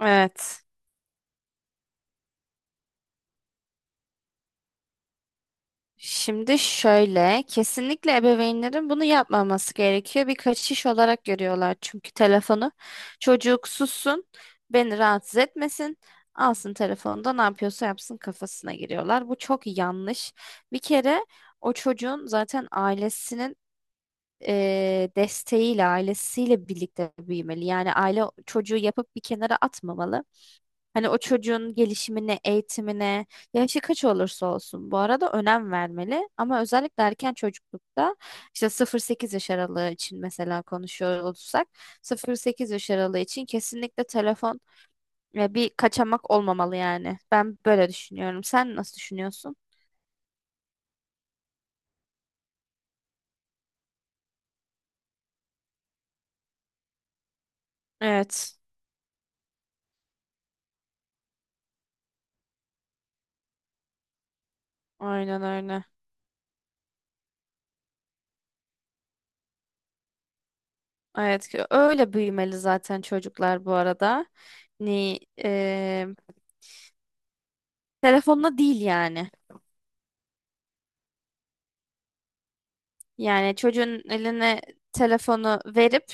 Evet. Şimdi şöyle, kesinlikle ebeveynlerin bunu yapmaması gerekiyor. Bir kaçış olarak görüyorlar çünkü telefonu. Çocuk sussun, beni rahatsız etmesin, alsın telefonda ne yapıyorsa yapsın kafasına giriyorlar. Bu çok yanlış. Bir kere o çocuğun zaten ailesinin desteğiyle, ailesiyle birlikte büyümeli. Yani aile çocuğu yapıp bir kenara atmamalı. Hani o çocuğun gelişimine, eğitimine, yaşı kaç olursa olsun bu arada önem vermeli. Ama özellikle erken çocuklukta işte 0-8 yaş aralığı için mesela konuşuyor olursak 0-8 yaş aralığı için kesinlikle telefon bir kaçamak olmamalı yani. Ben böyle düşünüyorum. Sen nasıl düşünüyorsun? Evet, aynen öyle. Evet, ki öyle büyümeli zaten çocuklar bu arada. Ni, e, Telefonla değil yani. Yani çocuğun eline telefonu verip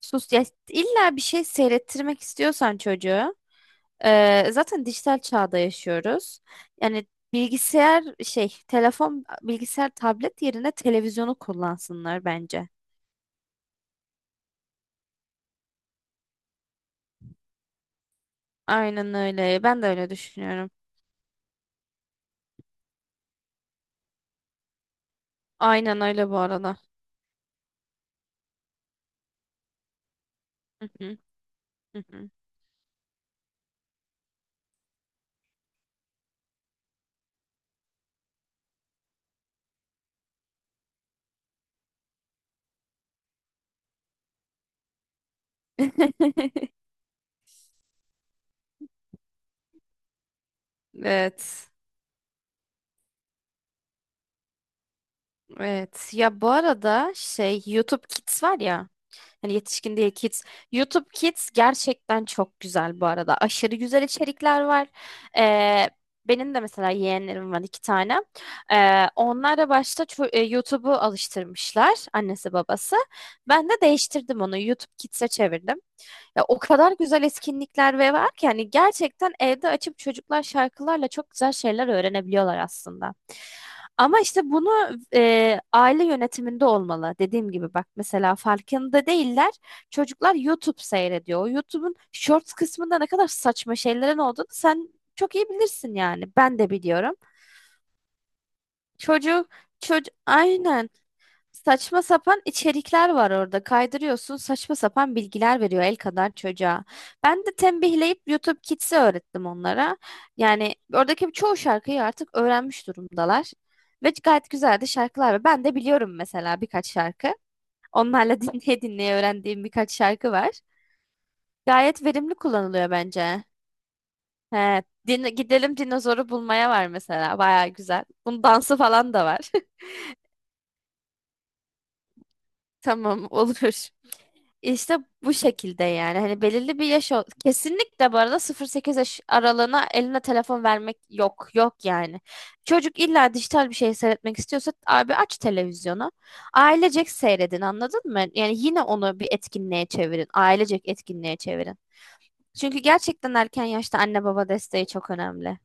sus ya illa bir şey seyrettirmek istiyorsan çocuğu zaten dijital çağda yaşıyoruz. Yani bilgisayar şey telefon bilgisayar tablet yerine televizyonu kullansınlar bence. Aynen öyle. Ben de öyle düşünüyorum. Aynen öyle bu arada. Hı hı, hı hı. Evet. Evet. Ya bu arada şey YouTube Kids var ya. Hani yetişkin değil kids. YouTube Kids gerçekten çok güzel bu arada. Aşırı güzel içerikler var. Ee, benim de mesela yeğenlerim var 2 tane. Onlar da başta YouTube'u alıştırmışlar annesi babası. Ben de değiştirdim onu. YouTube Kids'e çevirdim. Ya o kadar güzel etkinlikler ve var ki hani gerçekten evde açıp çocuklar şarkılarla çok güzel şeyler öğrenebiliyorlar aslında. Ama işte bunu aile yönetiminde olmalı. Dediğim gibi bak mesela farkında değiller. Çocuklar YouTube seyrediyor. O YouTube'un Shorts kısmında ne kadar saçma şeylerin olduğunu sen çok iyi bilirsin yani. Ben de biliyorum. Çocuk çocuk, aynen. Saçma sapan içerikler var orada. Kaydırıyorsun, saçma sapan bilgiler veriyor el kadar çocuğa. Ben de tembihleyip YouTube Kids'i öğrettim onlara. Yani oradaki çoğu şarkıyı artık öğrenmiş durumdalar. Ve gayet güzel de şarkılar var. Ben de biliyorum mesela birkaç şarkı. Onlarla dinleye dinleye öğrendiğim birkaç şarkı var. Gayet verimli kullanılıyor bence. He, gidelim dinozoru bulmaya var mesela. Baya güzel. Bunun dansı falan da var. Tamam olur. İşte bu şekilde yani hani belirli bir kesinlikle bu arada 0-8 yaş aralığına eline telefon vermek yok yok yani. Çocuk illa dijital bir şey seyretmek istiyorsa abi aç televizyonu. Ailecek seyredin anladın mı? Yani yine onu bir etkinliğe çevirin. Ailecek etkinliğe çevirin. Çünkü gerçekten erken yaşta anne baba desteği çok önemli.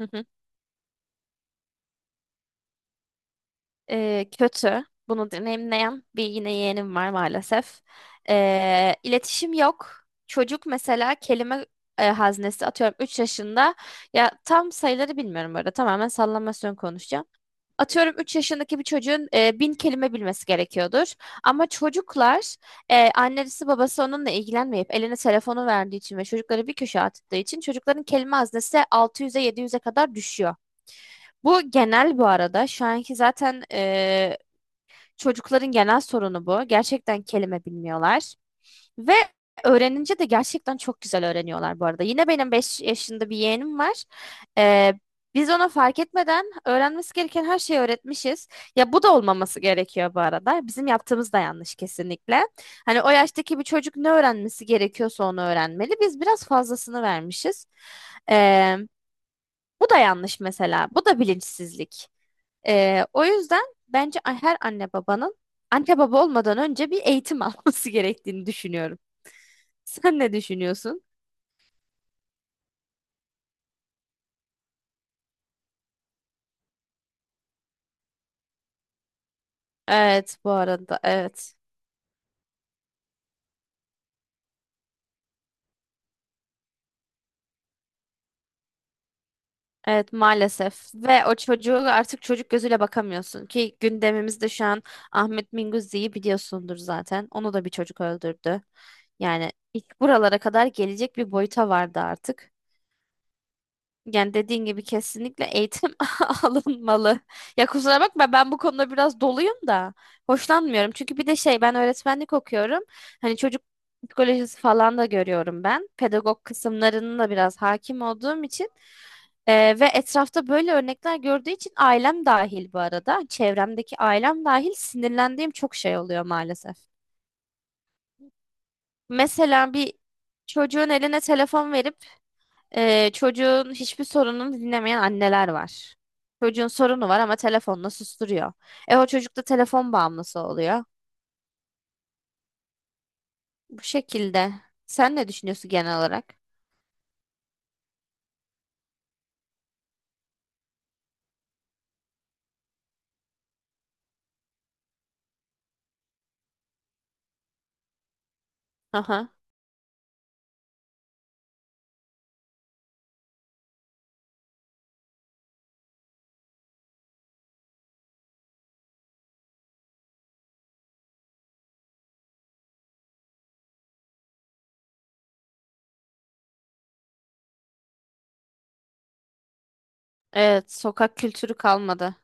Hı hı. Kötü. Bunu deneyimleyen bir yine yeğenim var maalesef. İletişim yok. Çocuk mesela kelime haznesi atıyorum 3 yaşında. Ya tam sayıları bilmiyorum burada. Tamamen sallamasyon konuşacağım. Atıyorum 3 yaşındaki bir çocuğun 1.000 kelime bilmesi gerekiyordur. Ama çocuklar annesi babası onunla ilgilenmeyip eline telefonu verdiği için ve çocukları bir köşeye attığı için çocukların kelime haznesi 600'e 700'e kadar düşüyor. Bu genel bu arada. Şu anki zaten çocukların genel sorunu bu. Gerçekten kelime bilmiyorlar. Ve öğrenince de gerçekten çok güzel öğreniyorlar bu arada. Yine benim 5 yaşında bir yeğenim var. E, biz ona fark etmeden öğrenmesi gereken her şeyi öğretmişiz. Ya bu da olmaması gerekiyor bu arada. Bizim yaptığımız da yanlış kesinlikle. Hani o yaştaki bir çocuk ne öğrenmesi gerekiyorsa onu öğrenmeli. Biz biraz fazlasını vermişiz. E, bu da yanlış mesela. Bu da bilinçsizlik. O yüzden bence her anne babanın anne baba olmadan önce bir eğitim alması gerektiğini düşünüyorum. Sen ne düşünüyorsun? Evet bu arada evet. Evet maalesef ve o çocuğu artık çocuk gözüyle bakamıyorsun ki gündemimizde şu an Ahmet Minguzzi'yi biliyorsundur zaten. Onu da bir çocuk öldürdü. Yani ilk buralara kadar gelecek bir boyuta vardı artık. Yani dediğin gibi kesinlikle eğitim alınmalı. Ya kusura bakma ben bu konuda biraz doluyum da hoşlanmıyorum. Çünkü bir de şey ben öğretmenlik okuyorum. Hani çocuk psikolojisi falan da görüyorum ben. Pedagog kısımlarının da biraz hakim olduğum için. Ve etrafta böyle örnekler gördüğü için ailem dahil bu arada. Çevremdeki ailem dahil sinirlendiğim çok şey oluyor maalesef. Mesela bir çocuğun eline telefon verip çocuğun hiçbir sorununu dinlemeyen anneler var. Çocuğun sorunu var ama telefonla susturuyor. E o çocuk da telefon bağımlısı oluyor. Bu şekilde. Sen ne düşünüyorsun genel olarak? Aha. Evet, sokak kültürü kalmadı.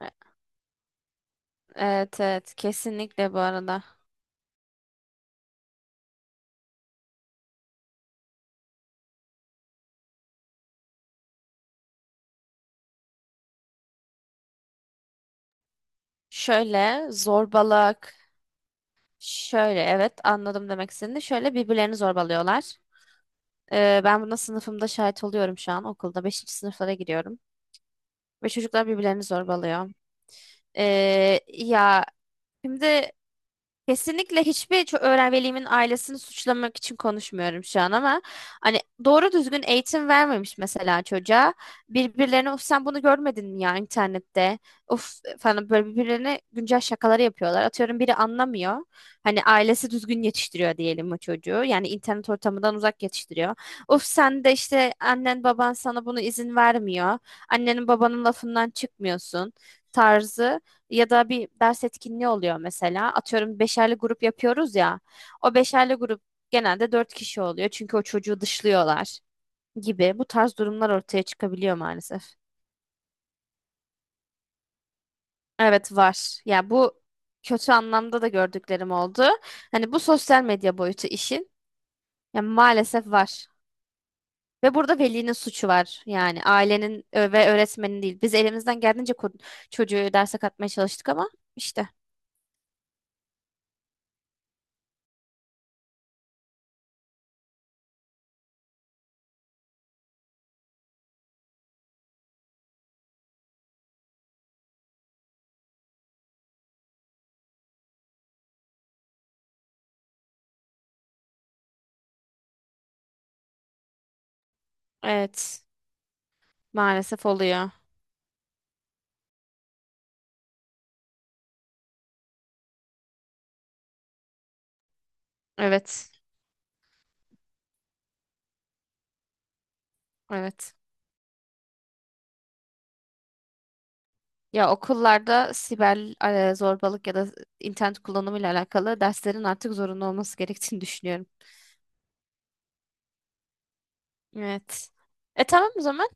E- Evet, evet, kesinlikle bu arada. Şöyle zorbalık. Şöyle evet, anladım demek istediğini. Şöyle birbirlerini zorbalıyorlar. Ben buna sınıfımda şahit oluyorum şu an okulda. Beşinci sınıflara giriyorum. Ve çocuklar birbirlerini zorbalıyor. Ya, şimdi kesinlikle hiçbir ço- öğren velimin ailesini suçlamak için konuşmuyorum şu an ama hani doğru düzgün eğitim vermemiş mesela çocuğa. Birbirlerine of sen bunu görmedin mi ya internette? Of falan böyle birbirlerine güncel şakaları yapıyorlar. Atıyorum biri anlamıyor. Hani ailesi düzgün yetiştiriyor diyelim o çocuğu. Yani internet ortamından uzak yetiştiriyor. Of sen de işte annen baban sana bunu izin vermiyor. Annenin babanın lafından çıkmıyorsun tarzı. Ya da bir ders etkinliği oluyor mesela. Atıyorum beşerli grup yapıyoruz ya. O beşerli grup genelde 4 kişi oluyor. Çünkü o çocuğu dışlıyorlar gibi. Bu tarz durumlar ortaya çıkabiliyor maalesef. Evet var. Ya bu kötü anlamda da gördüklerim oldu. Hani bu sosyal medya boyutu işin. Ya maalesef var. Ve burada velinin suçu var. Yani ailenin ve öğretmenin değil. Biz elimizden geldiğince çocuğu derse katmaya çalıştık ama işte. Evet. Maalesef oluyor. Evet, evet. Ya okullarda siber zorbalık ya da internet kullanımıyla alakalı derslerin artık zorunlu olması gerektiğini düşünüyorum. Evet. E tamam o zaman.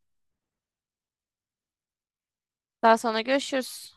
Daha sonra görüşürüz.